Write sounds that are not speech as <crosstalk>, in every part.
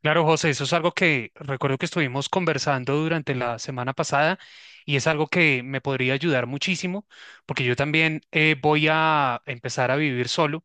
Claro, José, eso es algo que recuerdo que estuvimos conversando durante la semana pasada y es algo que me podría ayudar muchísimo porque yo también voy a empezar a vivir solo.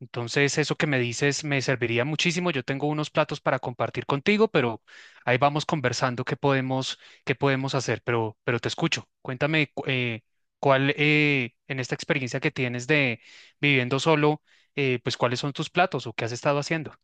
Entonces, eso que me dices me serviría muchísimo. Yo tengo unos platos para compartir contigo, pero ahí vamos conversando qué podemos hacer. Pero te escucho. Cuéntame cuál en esta experiencia que tienes de viviendo solo, pues cuáles son tus platos o qué has estado haciendo.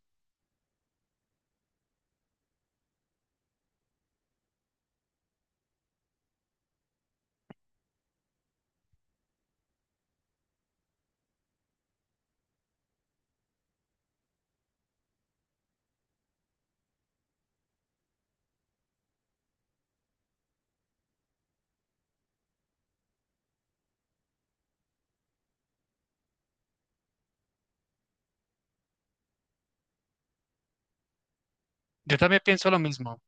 Yo también pienso lo mismo.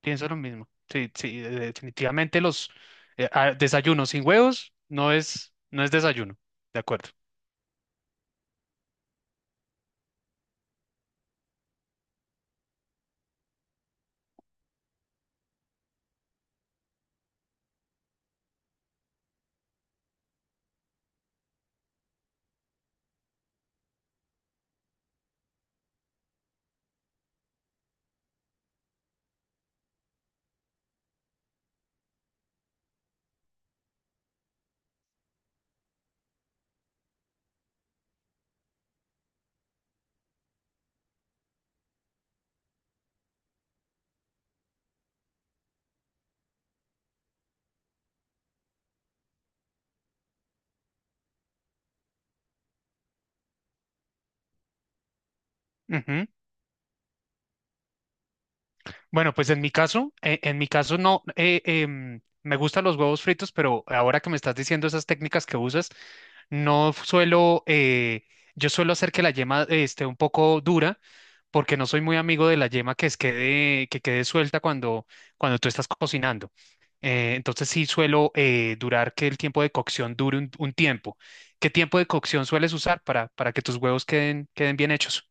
Pienso lo mismo. Sí, sí, definitivamente los desayunos sin huevos no es desayuno. De acuerdo. Ujú. Bueno, pues en mi caso no, me gustan los huevos fritos, pero ahora que me estás diciendo esas técnicas que usas, no suelo, yo suelo hacer que la yema esté un poco dura, porque no soy muy amigo de la yema que quede suelta cuando tú estás cocinando. Entonces sí suelo durar que el tiempo de cocción dure un tiempo. ¿Qué tiempo de cocción sueles usar para que tus huevos queden bien hechos?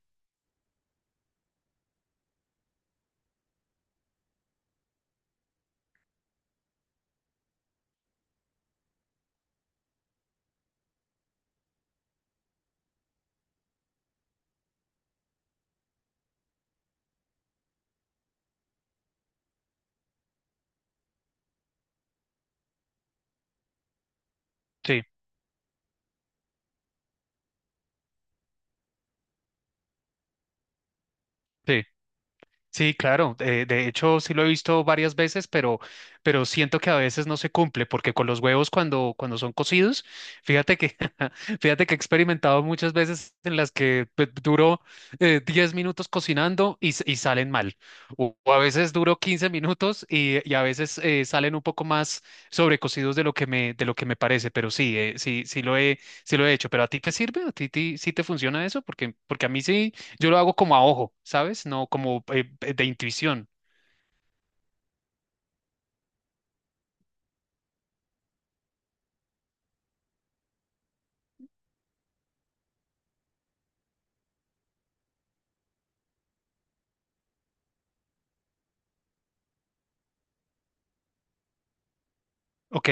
Sí, sí. Sí, claro. De hecho, sí lo he visto varias veces, pero siento que a veces no se cumple, porque con los huevos cuando son cocidos, fíjate que, <laughs> fíjate que he experimentado muchas veces en las que pues, duro 10 minutos cocinando y salen mal. O a veces duro 15 minutos y a veces salen un poco más sobrecocidos de lo que me, de lo que me parece. Pero sí, sí, sí lo he hecho. ¿Pero a ti te sirve? ¿A ti, sí te funciona eso? Porque a mí sí. Yo lo hago como a ojo, ¿sabes? No como de intuición. Ok.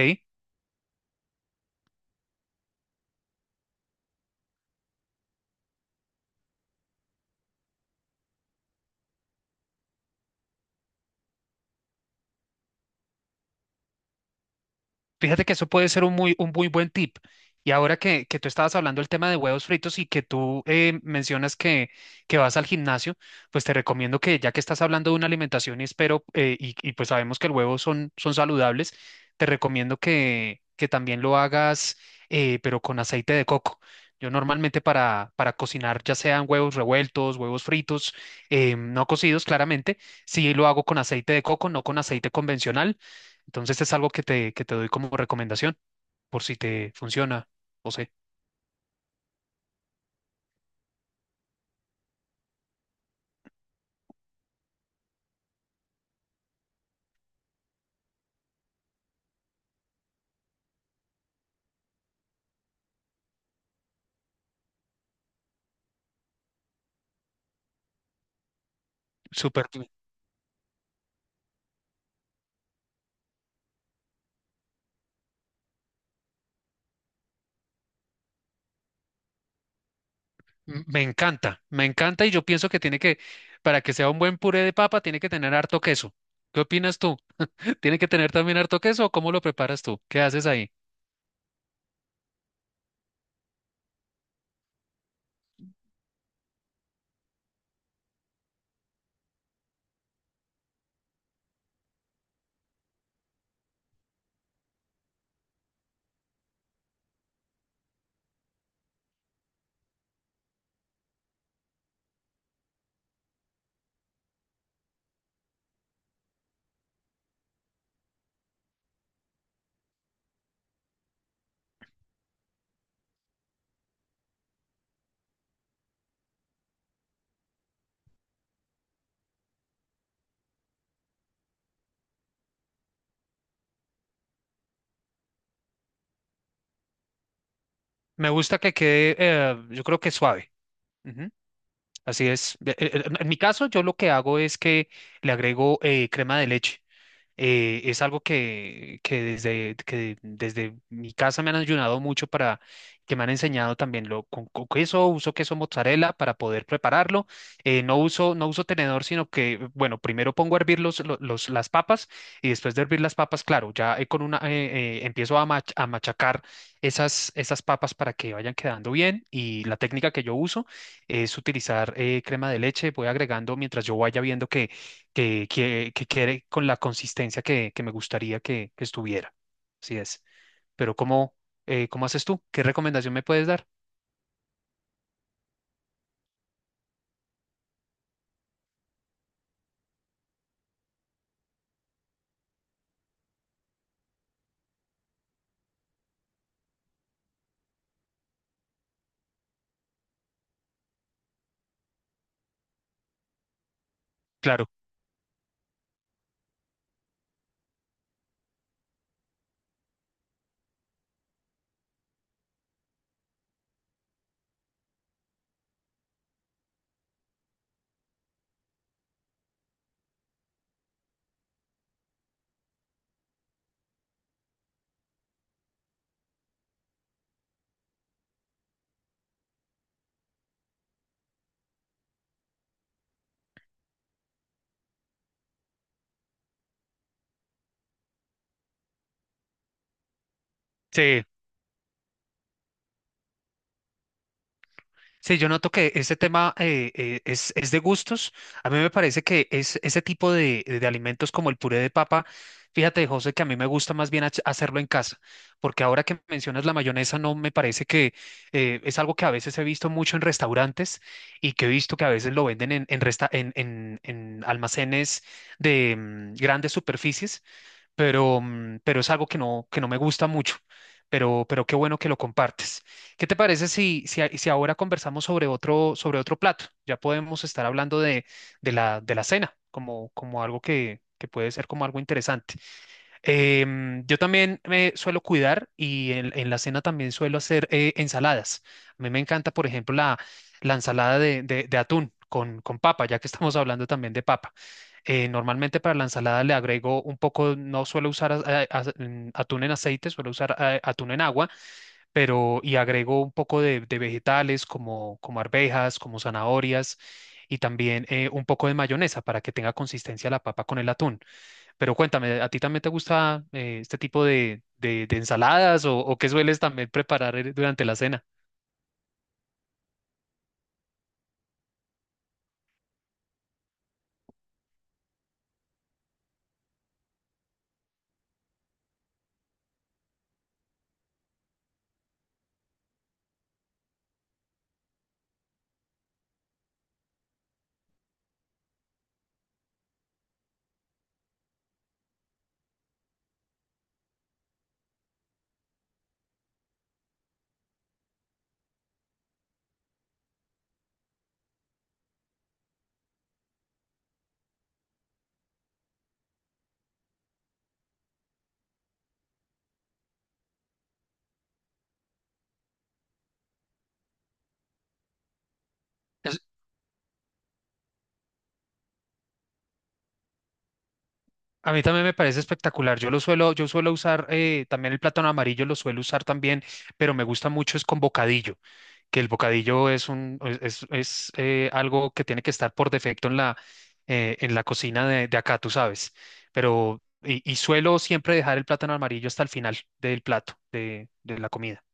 Fíjate que eso puede ser un muy buen tip. Y ahora que tú estabas hablando del tema de huevos fritos y que tú mencionas que vas al gimnasio, pues te recomiendo que ya que estás hablando de una alimentación y espero, y pues sabemos que el huevo son, son saludables, te recomiendo que también lo hagas, pero con aceite de coco. Yo normalmente para cocinar, ya sean huevos revueltos, huevos fritos, no cocidos claramente, sí lo hago con aceite de coco, no con aceite convencional, entonces es algo que te doy como recomendación por si te funciona. O sea, súper. Me encanta y yo pienso que tiene que, para que sea un buen puré de papa, tiene que tener harto queso. ¿Qué opinas tú? <laughs> ¿Tiene que tener también harto queso o cómo lo preparas tú? ¿Qué haces ahí? Me gusta que quede, yo creo que suave. Ujú, así es. En mi caso, yo lo que hago es que le agrego crema de leche. Es algo que desde mi casa me han ayudado mucho para que me han enseñado también con queso, uso queso mozzarella para poder prepararlo. No uso tenedor, sino que, bueno, primero pongo a hervir las papas y después de hervir las papas, claro, ya con una, empiezo a, a machacar esas papas para que vayan quedando bien y la técnica que yo uso es utilizar crema de leche, voy agregando mientras yo vaya viendo que quede con la consistencia que me gustaría que estuviera. Así es. Pero ¿cómo, cómo haces tú? ¿Qué recomendación me puedes dar? Claro. Sí, sí, yo noto que este tema es de gustos. A mí me parece que es ese tipo de alimentos como el puré de papa. Fíjate, José, que a mí me gusta más bien hacerlo en casa, porque ahora que mencionas la mayonesa, no me parece que es algo que a veces he visto mucho en restaurantes y que he visto que a veces lo venden en, resta- en almacenes de grandes superficies pero, pero es algo que no me gusta mucho. Pero qué bueno que lo compartes. ¿Qué te parece si ahora conversamos sobre otro plato? Ya podemos estar hablando de, de la cena como, como algo que puede ser como algo interesante. Em, yo también me suelo cuidar y en la cena también suelo hacer ensaladas. A mí me encanta, por ejemplo, la ensalada de atún con papa, ya que estamos hablando también de papa. Normalmente para la ensalada le agrego un poco, no suelo usar atún en aceite, suelo usar atún en agua, pero y agrego un poco de vegetales como, como arvejas, como zanahorias y también un poco de mayonesa para que tenga consistencia la papa con el atún. Pero cuéntame, ¿a ti también te gusta este tipo de, de ensaladas o qué sueles también preparar durante la cena? Es- A mí también me parece espectacular. Yo lo suelo, yo suelo usar también el plátano amarillo, lo suelo usar también, pero me gusta mucho es con bocadillo, que el bocadillo es un, es, algo que tiene que estar por defecto en la cocina de acá, tú sabes. Pero, y suelo siempre dejar el plátano amarillo hasta el final del plato, de la comida.